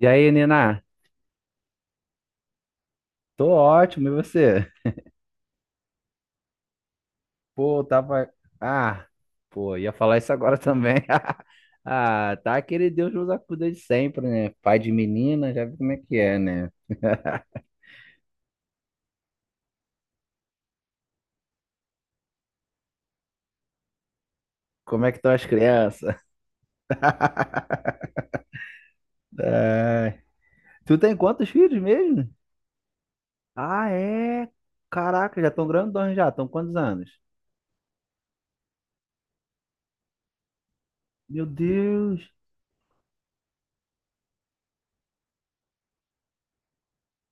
E aí, Nina? Tô ótimo, e você? Pô, tava. Ah, pô, ia falar isso agora também. Ah, tá aquele Deus nos acuda de sempre, né? Pai de menina, já vi como é que é, né? Como é que estão as crianças? Tu tem quantos filhos mesmo? Ah, é? Caraca, já estão grandões já, estão quantos anos? Meu Deus!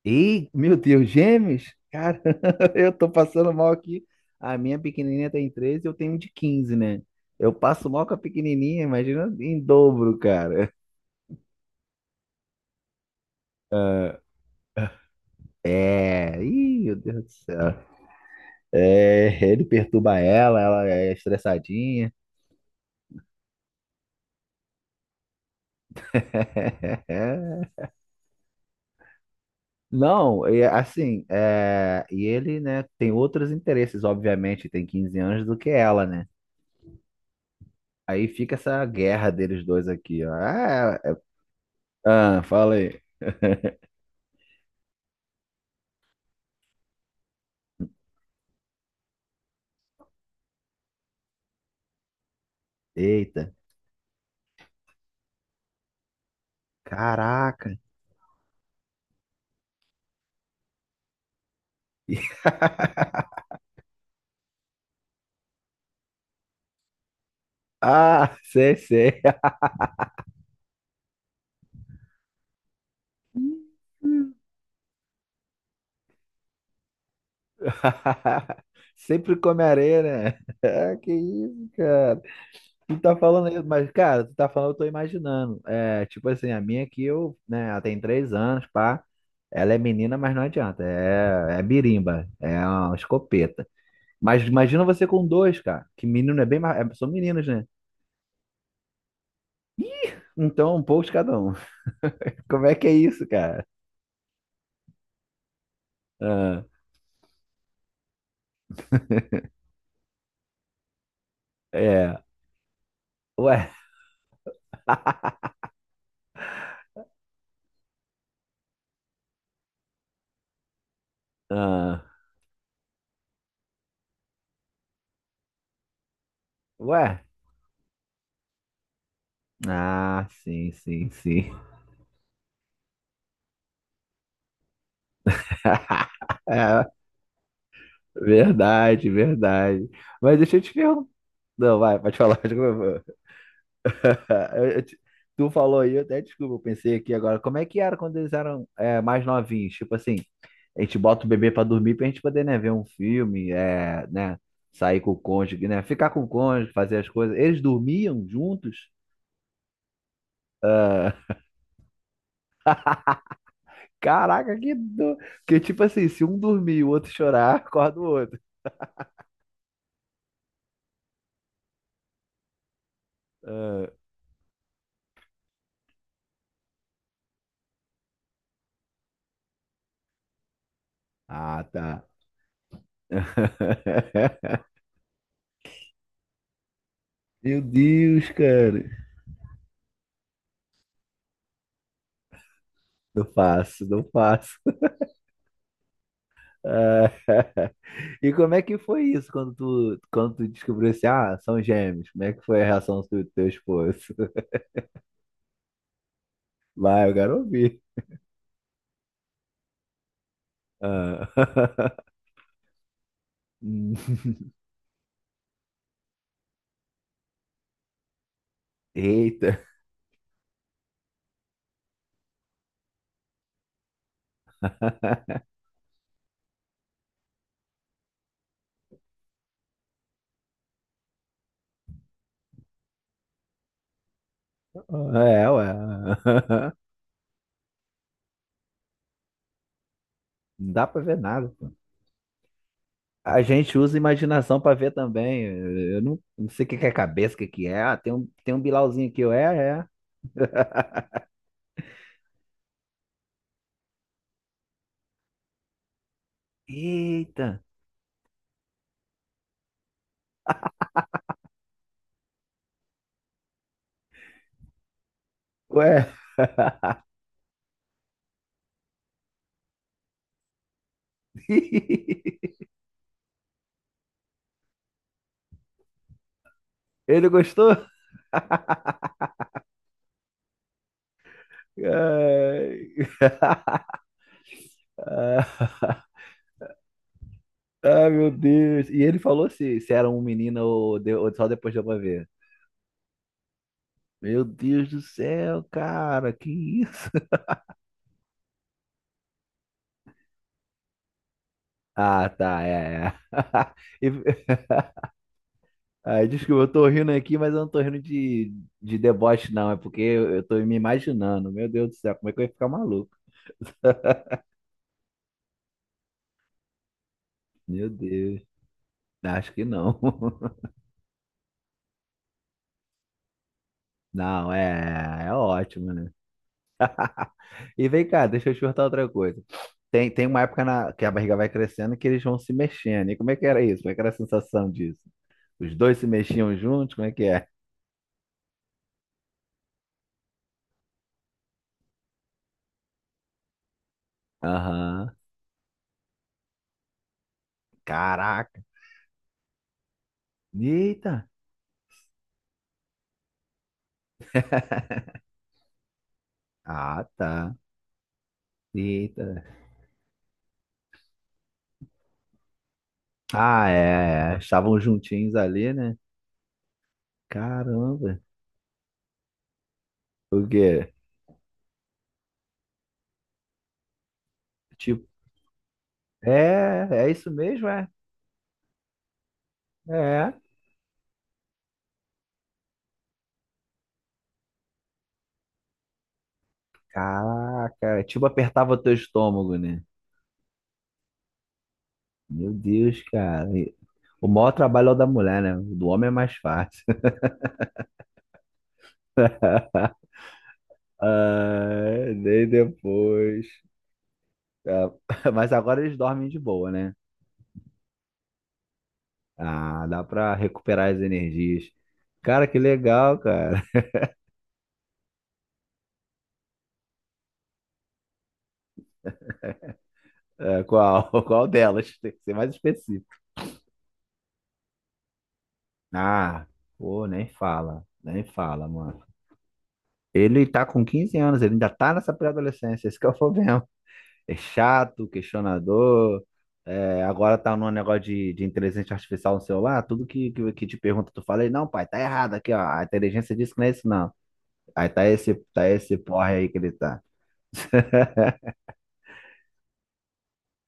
Ei, meu Deus, gêmeos? Cara, eu tô passando mal aqui. A minha pequenininha tem 13, eu tenho um de 15, né? Eu passo mal com a pequenininha, imagina em dobro, cara. É, ih, meu Deus do céu. É, ele perturba ela, ela é estressadinha. Não, é assim, é, e ele, né, tem outros interesses, obviamente, tem 15 anos do que ela, né? Aí fica essa guerra deles dois aqui, ó. Ah, ah, fala aí. Eita, caraca. Ah, sei, sei. Sempre come areia, né? Ah, que isso, cara. Tu tá falando aí, mas, cara, tu tá falando, eu tô imaginando. É, tipo assim, a minha aqui, eu, né, ela tem 3 anos, pá. Ela é menina, mas não adianta. É, é birimba, é uma escopeta. Mas imagina você com dois, cara. Que menino é bem mais. São meninos, né? Então, um pouco de cada um. Como é que é isso, cara? Ah, é. Ué. Ah, ué? Ah, sim, sim, sim. É, verdade, verdade. Mas deixa eu te perguntar. Não, vai, pode falar. Desculpa. Eu- eu te- Tu falou aí, eu até desculpa, eu pensei aqui agora. Como é que era quando eles eram mais novinhos? Tipo assim, a gente bota o bebê pra dormir pra gente poder, né, ver um filme, é, né, sair com o cônjuge, né, ficar com o cônjuge, fazer as coisas. Eles dormiam juntos? Ah, caraca, Porque, tipo assim, se um dormir e o outro chorar, acorda o outro. Ah, Ah, tá. Meu Deus, cara. Não faço, não faço. Ah, E como é que foi isso quando tu descobriu assim, ah, são gêmeos? Como é que foi a reação do teu esposo? Vai, eu quero ouvir. Ah. Hum, eita. É, ué. Não dá pra ver nada, pô. A gente usa imaginação pra ver também. Eu não, não sei o que que é cabeça, o que que é. Ah, tem um bilauzinho aqui. Eu, é, é. Eita. Ué, ele gostou? Ai, ah, ah, meu Deus. E ele falou se era um menino ou só depois deu pra ver. Meu Deus do céu, cara, que isso? Ah, tá, é, é. E- ah, desculpa, eu tô rindo aqui, mas eu não tô rindo de deboche, não. É porque eu tô me imaginando. Meu Deus do céu, como é que eu ia ficar maluco? Meu Deus, acho que não. Não, é, é ótimo, né? E vem cá, deixa eu te perguntar outra coisa. Tem uma época que a barriga vai crescendo que eles vão se mexendo. E como é que era isso? Como é que era a sensação disso? Os dois se mexiam juntos? Como é que é? Aham. Caraca. Eita. Ah, tá. Eita. Ah, é, é. Estavam juntinhos ali, né? Caramba. O quê? Tipo, é, é isso mesmo, é? É. Caraca. Tipo, apertava o teu estômago, né? Meu Deus, cara. O maior trabalho é o da mulher, né? O do homem é mais fácil. Ah, nem depois. Ah, mas agora eles dormem de boa, né? Ah, dá pra recuperar as energias. Cara, que legal, cara. É, qual, qual delas? Tem que ser mais específico. Ah, pô, nem fala. Nem fala, mano. Ele tá com 15 anos, ele ainda tá nessa pré-adolescência, esse que é o problema. É chato, questionador. É agora tá num negócio de inteligência artificial no celular, tudo que te pergunta, tu fala aí, não, pai, tá errado aqui, ó. A inteligência disse que não é isso, não. Aí tá esse, porre aí que ele tá.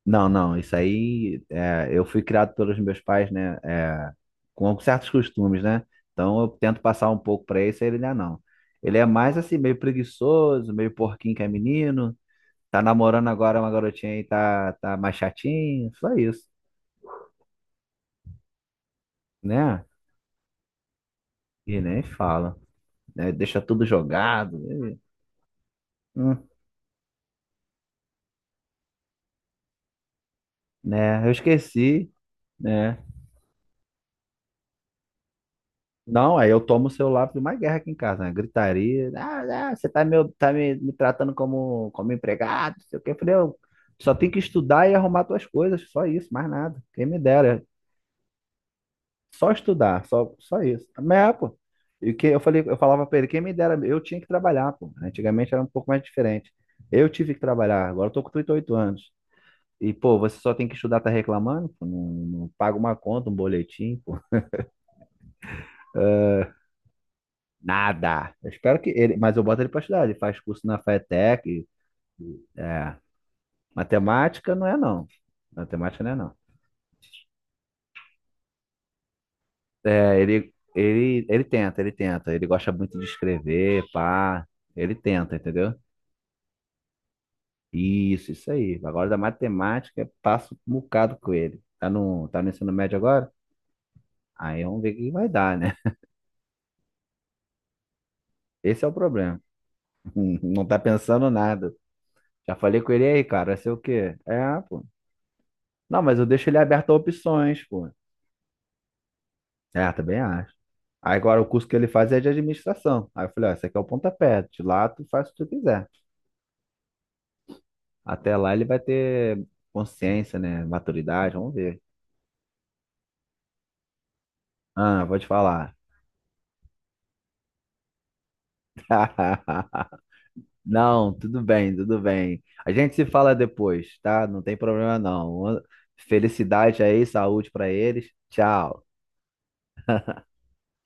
Não, não, isso aí é, eu fui criado pelos meus pais, né? Com certos costumes, né? Então eu tento passar um pouco pra esse, aí ele não é não. Ele é mais assim, meio preguiçoso, meio porquinho que é menino, tá namorando agora uma garotinha aí, tá mais chatinho, só isso, né? E nem fala, né? Deixa tudo jogado, e, hum, né? Eu esqueci, né? Não, aí eu tomo o celular para uma guerra aqui em casa, né? Gritaria, ah, ah, você tá me tratando como empregado, não sei o quê. Eu falei, eu só tenho que estudar e arrumar tuas coisas, só isso, mais nada. Quem me dera, só estudar, só isso. Mas, é, pô, e que eu falei, eu falava para ele, quem me dera, eu tinha que trabalhar, pô. Antigamente era um pouco mais diferente. Eu tive que trabalhar, agora eu tô com 38 anos. E, pô, você só tem que estudar, tá reclamando? Pô? Não, não paga uma conta, um boletim, pô. Nada. Eu espero que ele, mas eu boto ele pra estudar. Ele faz curso na FATEC. É, matemática não é, não. Matemática não é, não. É, ele tenta, ele tenta. Ele gosta muito de escrever, pá. Ele tenta, entendeu? Isso aí. Agora da matemática, passo um bocado com ele. Tá no ensino médio agora? Aí vamos ver o que vai dar, né? Esse é o problema. Não tá pensando nada. Já falei com ele aí, cara, vai ser o quê? É, pô. Não, mas eu deixo ele aberto a opções, pô. É, também acho. Aí agora o curso que ele faz é de administração. Aí eu falei, ó, esse aqui é o pontapé, de lá tu faz o que tu quiser. Até lá ele vai ter consciência, né? Maturidade, vamos ver. Ah, vou te falar. Não, tudo bem, tudo bem. A gente se fala depois, tá? Não tem problema não. Felicidade aí, saúde pra eles. Tchau.